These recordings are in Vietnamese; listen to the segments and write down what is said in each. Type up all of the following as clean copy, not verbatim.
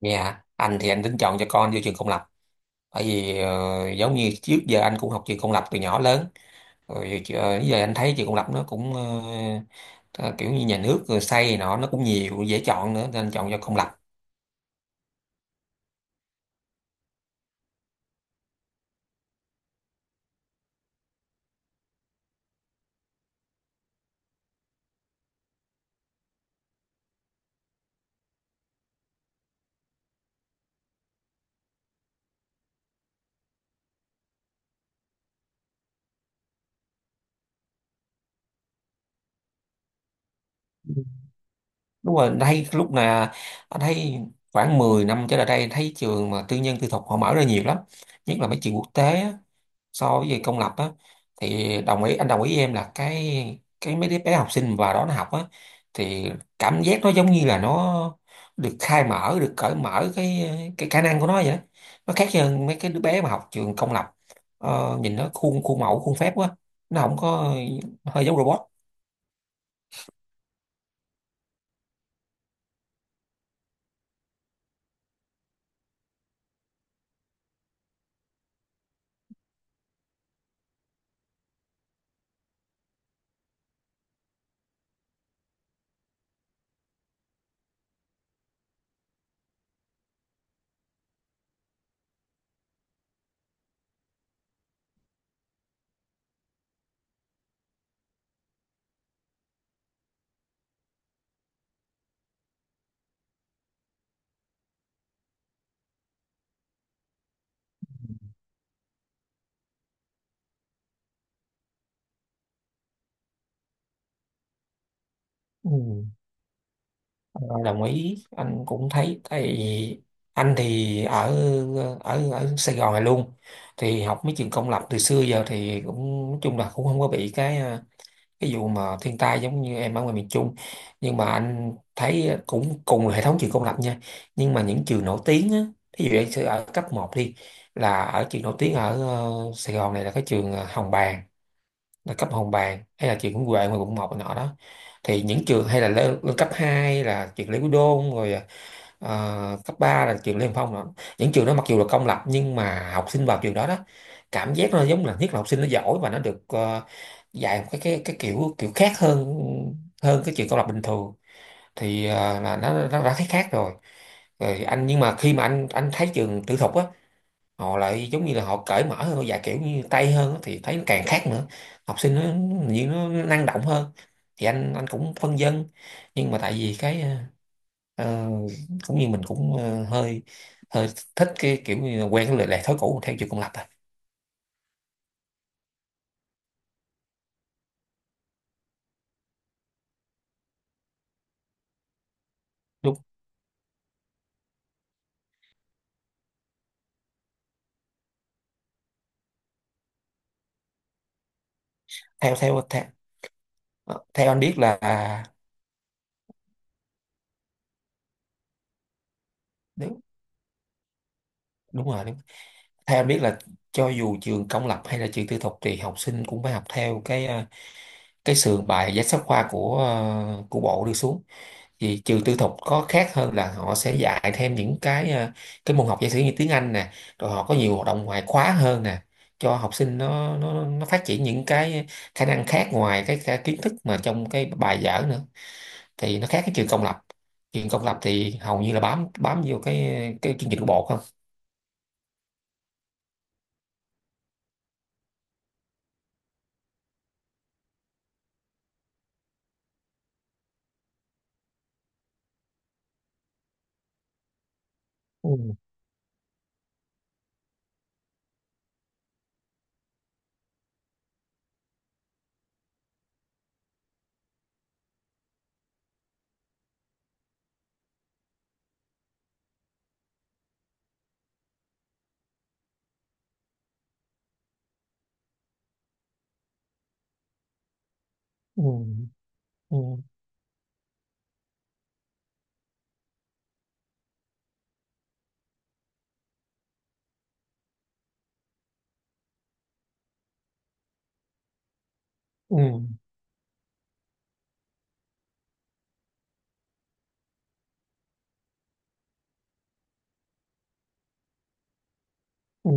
Dạ, anh thì anh tính chọn cho con vô trường công lập. Bởi vì giống như trước giờ anh cũng học trường công lập từ nhỏ lớn. Rồi giờ anh thấy trường công lập nó cũng ờ, kiểu như nhà nước rồi xây nọ nó cũng nhiều dễ chọn nữa nên anh chọn cho công lập. Đúng rồi, anh thấy lúc nào anh thấy khoảng 10 năm trở lại đây anh thấy trường mà tư nhân tư thục họ mở ra nhiều lắm. Nhất là mấy trường quốc tế á. So với về công lập á thì đồng ý anh đồng ý với em là cái mấy đứa bé học sinh vào đó nó học á thì cảm giác nó giống như là nó được khai mở, được cởi mở cái khả năng của nó vậy đó, nó khác hơn mấy cái đứa bé mà học trường công lập. Nhìn nó khuôn khuôn mẫu khuôn phép quá, nó không có, hơi giống robot. Ừ. Ờ, Đồng ý, anh cũng thấy tại vì anh thì ở ở ở Sài Gòn này luôn thì học mấy trường công lập từ xưa giờ thì cũng nói chung là cũng không có bị cái cái vụ mà thiên tai giống như em ở ngoài miền Trung, nhưng mà anh thấy cũng cùng là hệ thống trường công lập nha, nhưng mà những trường nổi tiếng á, ví dụ anh sẽ ở cấp một đi, là ở trường nổi tiếng ở Sài Gòn này là cái trường Hồng Bàng, là cấp Hồng Bàng, hay là trường Nguyễn Huệ ngoài quận 1 này nọ đó, thì những trường hay là lên, cấp 2 là trường Lê Quý Đôn, rồi cấp 3 là trường Lê Hồng Phong đó. Những trường đó mặc dù là công lập nhưng mà học sinh vào trường đó đó cảm giác nó giống là nhất là học sinh nó giỏi và nó được dạy một cái kiểu kiểu khác hơn, cái trường công lập bình thường thì là nó đã thấy khác rồi. Rồi anh nhưng mà khi mà anh thấy trường tư thục á, họ lại giống như là họ cởi mở hơn và kiểu như Tây hơn á, thì thấy nó càng khác nữa, học sinh nó như nó năng động hơn, thì anh cũng phân vân, nhưng mà tại vì cái ờ, cũng như mình cũng hơi, hơi thích cái kiểu như là quen cái lề lề thói cũ theo chiều công lập à. Đúng. Theo theo theo, ờ, Theo anh biết là, đúng, đúng rồi, đúng. Theo anh biết là cho dù trường công lập hay là trường tư thục thì học sinh cũng phải học theo cái cái sườn bài sách giáo khoa của bộ đưa xuống. Vì trường tư thục có khác hơn là họ sẽ dạy thêm những cái cái môn học giả sử như tiếng Anh nè, rồi họ có nhiều hoạt động ngoại khóa hơn nè, cho học sinh nó phát triển những cái khả năng khác ngoài cái kiến thức mà trong cái bài vở nữa. Thì nó khác cái trường công lập. Trường công lập thì hầu như là bám bám vô cái chương trình của bộ không? Ừ, ừ, ừ, ừ, ừ,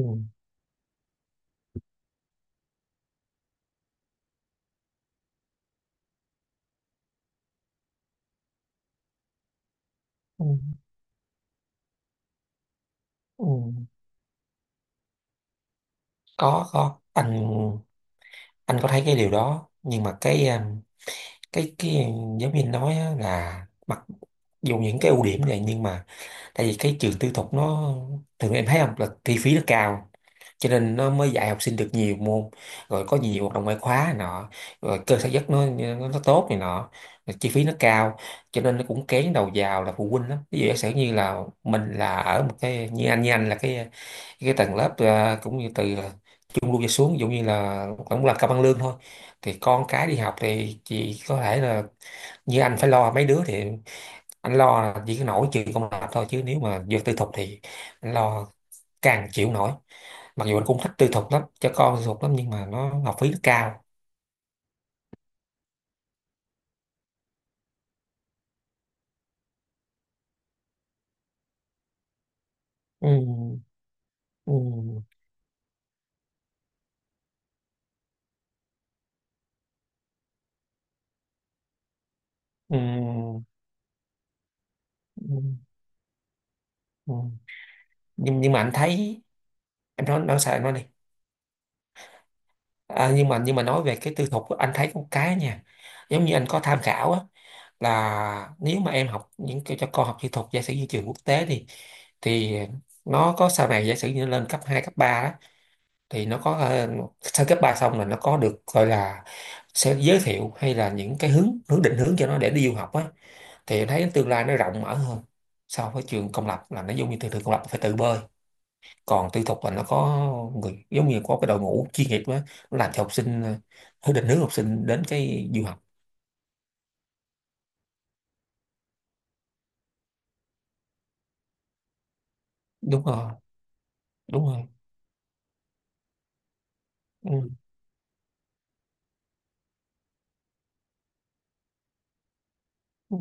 ừ, ừ. Có anh có thấy cái điều đó nhưng mà cái cái giáo viên nói á là mặc dù những cái ưu điểm này nhưng mà tại vì cái trường tư thục nó thường em thấy không là chi phí nó cao, cho nên nó mới dạy học sinh được nhiều môn, rồi có nhiều hoạt động ngoại khóa này nọ, rồi cơ sở giấc nó, tốt này nọ, rồi chi phí nó cao cho nên nó cũng kén đầu vào là phụ huynh lắm, ví dụ giả sử như là mình là ở một cái như anh, là cái tầng lớp cũng như từ trung lưu trở xuống, ví dụ như là cũng là cao bằng lương thôi, thì con cái đi học thì chỉ có thể là như anh phải lo mấy đứa, thì anh lo là chỉ có nổi chuyện công lập thôi, chứ nếu mà việc tư thục thì anh lo càng chịu nổi. Mặc dù anh cũng thích tư thục lắm, cho con tư thục lắm, nhưng mà nó học phí nó cao. Ừ, ừ, ừ, ừ, ừ. Nhưng mà anh thấy, em nói, sao em nói đi. À, nhưng mà nói về cái tư thục á, anh thấy có một cái nha, giống như anh có tham khảo á, là nếu mà em học những cái cho con học kỹ thuật giả sử như trường quốc tế thì thì nó có sau này giả sử như lên cấp 2 cấp 3 đó, thì nó có sau cấp 3 xong là nó có được gọi là sẽ giới thiệu hay là những cái hướng hướng định hướng cho nó để đi du học á, thì em thấy tương lai nó rộng mở hơn so với trường công lập là nó giống như thường thường công lập phải tự bơi, còn tư thục là nó có người giống như có cái đội ngũ chuyên nghiệp á, nó làm cho học sinh định hướng học sinh đến cái du học. Đúng rồi, đúng rồi. Ừ. Ừ.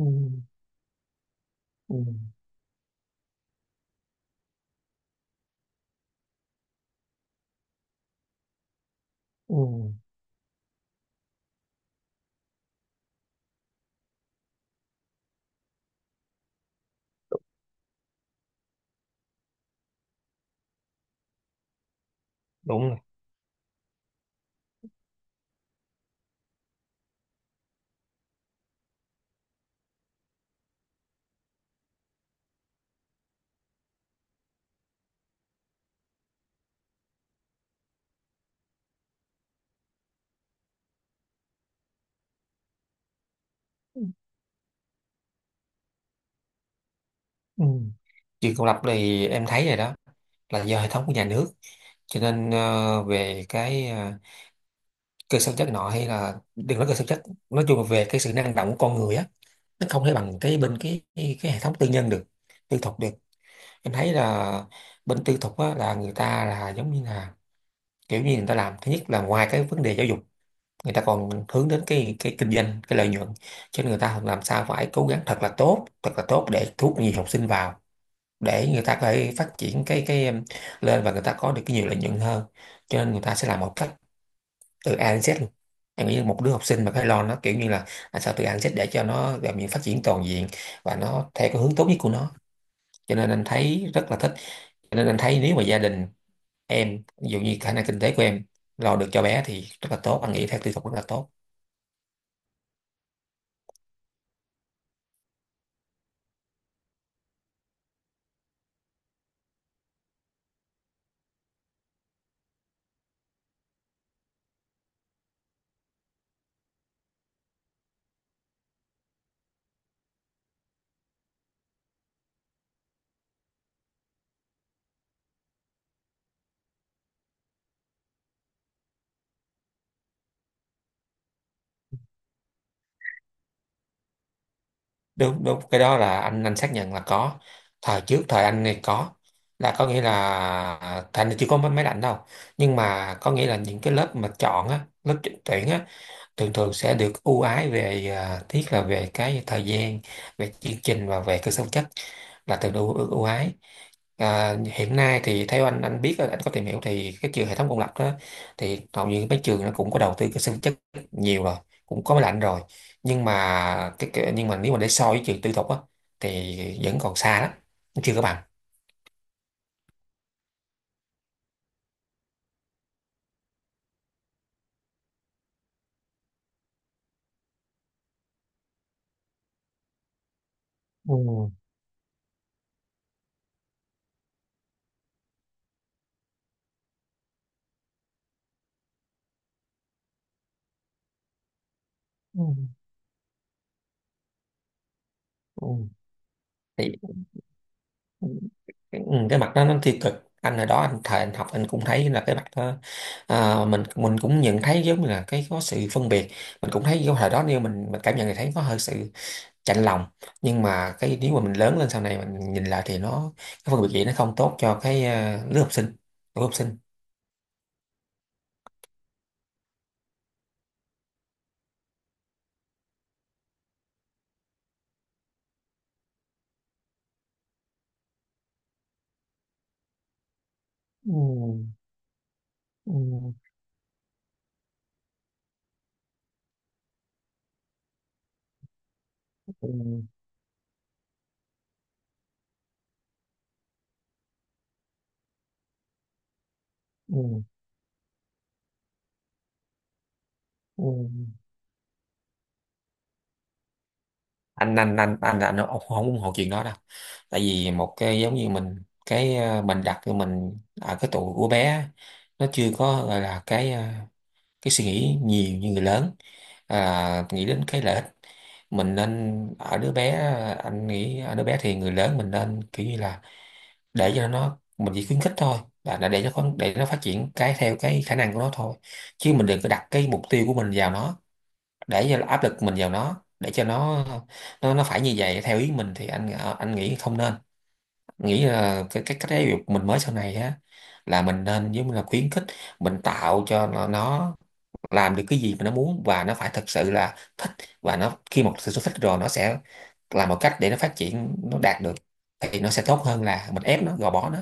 Ừ. Ừ. Ừ. Đúng rồi. Ừ. Ừ. Trường công lập thì em thấy rồi đó là do hệ thống của nhà nước, cho nên về cái cơ sở chất nọ, hay là đừng nói cơ sở chất, nói chung là về cái sự năng động của con người á, nó không thể bằng cái bên cái hệ thống tư nhân được, tư thục được. Em thấy là bên tư thục á, là người ta là giống như là kiểu như người ta làm, thứ nhất là ngoài cái vấn đề giáo dục, người ta còn hướng đến cái kinh doanh, cái lợi nhuận, cho nên người ta làm sao phải cố gắng thật là tốt, thật là tốt để thu hút nhiều học sinh vào, để người ta có thể phát triển cái em, lên và người ta có được cái nhiều lợi nhuận hơn, cho nên người ta sẽ làm một cách từ A đến Z luôn. Em nghĩ một đứa học sinh mà phải lo nó kiểu như là làm sao từ A đến Z để cho nó làm những phát triển toàn diện và nó theo cái hướng tốt nhất của nó, cho nên anh thấy rất là thích. Cho nên anh thấy nếu mà gia đình em, ví dụ như khả năng kinh tế của em lo được cho bé thì rất là tốt, anh nghĩ theo tư tưởng rất là tốt. Đúng, cái đó là anh xác nhận là có, thời trước thời anh này có, là có nghĩa là thành thì chưa có mấy máy lạnh đâu, nhưng mà có nghĩa là những cái lớp mà chọn á, lớp tuyển á, thường thường sẽ được ưu ái về tiếc là về cái thời gian, về chương trình và về cơ sở vật chất, là thường ưu, ưu ưu ái. À, hiện nay thì theo anh, biết anh có tìm hiểu thì cái trường hệ thống công lập đó, thì hầu như mấy trường nó cũng có đầu tư cơ sở vật chất nhiều rồi, cũng có máy lạnh rồi, nhưng mà cái nhưng mà nếu mà để so với trường tư thục á thì vẫn còn xa lắm, chưa có bằng. Ừ. Ừ. Ừ. Thì cái, cái mặt đó nó tiêu cực, anh hồi đó anh thời anh học anh cũng thấy là cái mặt đó, à, mình cũng nhận thấy giống như là cái có sự phân biệt, mình cũng thấy cái thời đó nếu mình cảm nhận thì thấy có hơi sự chạnh lòng, nhưng mà cái nếu mà mình lớn lên sau này mình nhìn lại thì nó cái phân biệt vậy nó không tốt cho cái, à, lứa học sinh, lứa học sinh ừ, ừ, ừ, ừ, ừ. Anh Ông không ủng hộ chuyện đó đâu, tại vì một cái giống như mình cái mình đặt cho mình ở cái tuổi của bé á, nó chưa có gọi là cái cái suy nghĩ nhiều như người lớn, à, nghĩ đến cái lợi ích mình nên ở đứa bé. Anh nghĩ ở đứa bé thì người lớn mình nên kiểu như là để cho nó, mình chỉ khuyến khích thôi, là để nó có để nó phát triển cái theo cái khả năng của nó thôi, chứ mình đừng có đặt cái mục tiêu của mình vào nó, để cho áp lực mình vào nó để cho nó nó phải như vậy theo ý mình, thì anh anh nghĩ không nên, nghĩ là cái cách giáo dục mình mới sau này á là mình nên giống như là khuyến khích, mình tạo cho nó làm được cái gì mà nó muốn và nó phải thật sự là thích, và nó khi một sự thích rồi nó sẽ làm một cách để nó phát triển nó đạt được, thì nó sẽ tốt hơn là mình ép nó gò bó nó.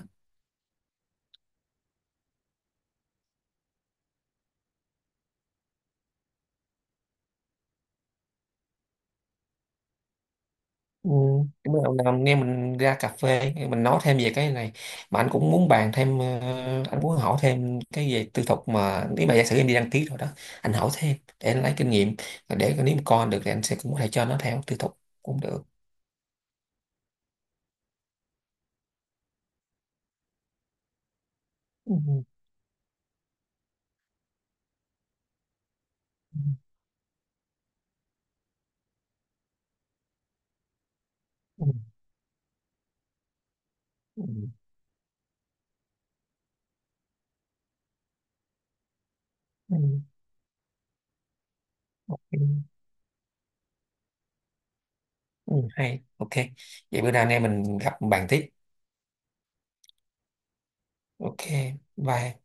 Ừ, cảm ơn ông Nam nghe mình ra cà phê mình nói thêm về cái này, mà anh cũng muốn bàn thêm anh muốn hỏi thêm cái về tư thục, mà nếu mà giả sử em đi đăng ký rồi đó anh hỏi thêm để anh lấy kinh nghiệm, và để nếu mà con được thì anh sẽ cũng có thể cho nó theo tư thục cũng được. Ừ, ừ, ừ, ừ, ừ, ừ, hay ok. Vậy bữa nào anh em mình gặp bàn tiếp. Ok. Bye.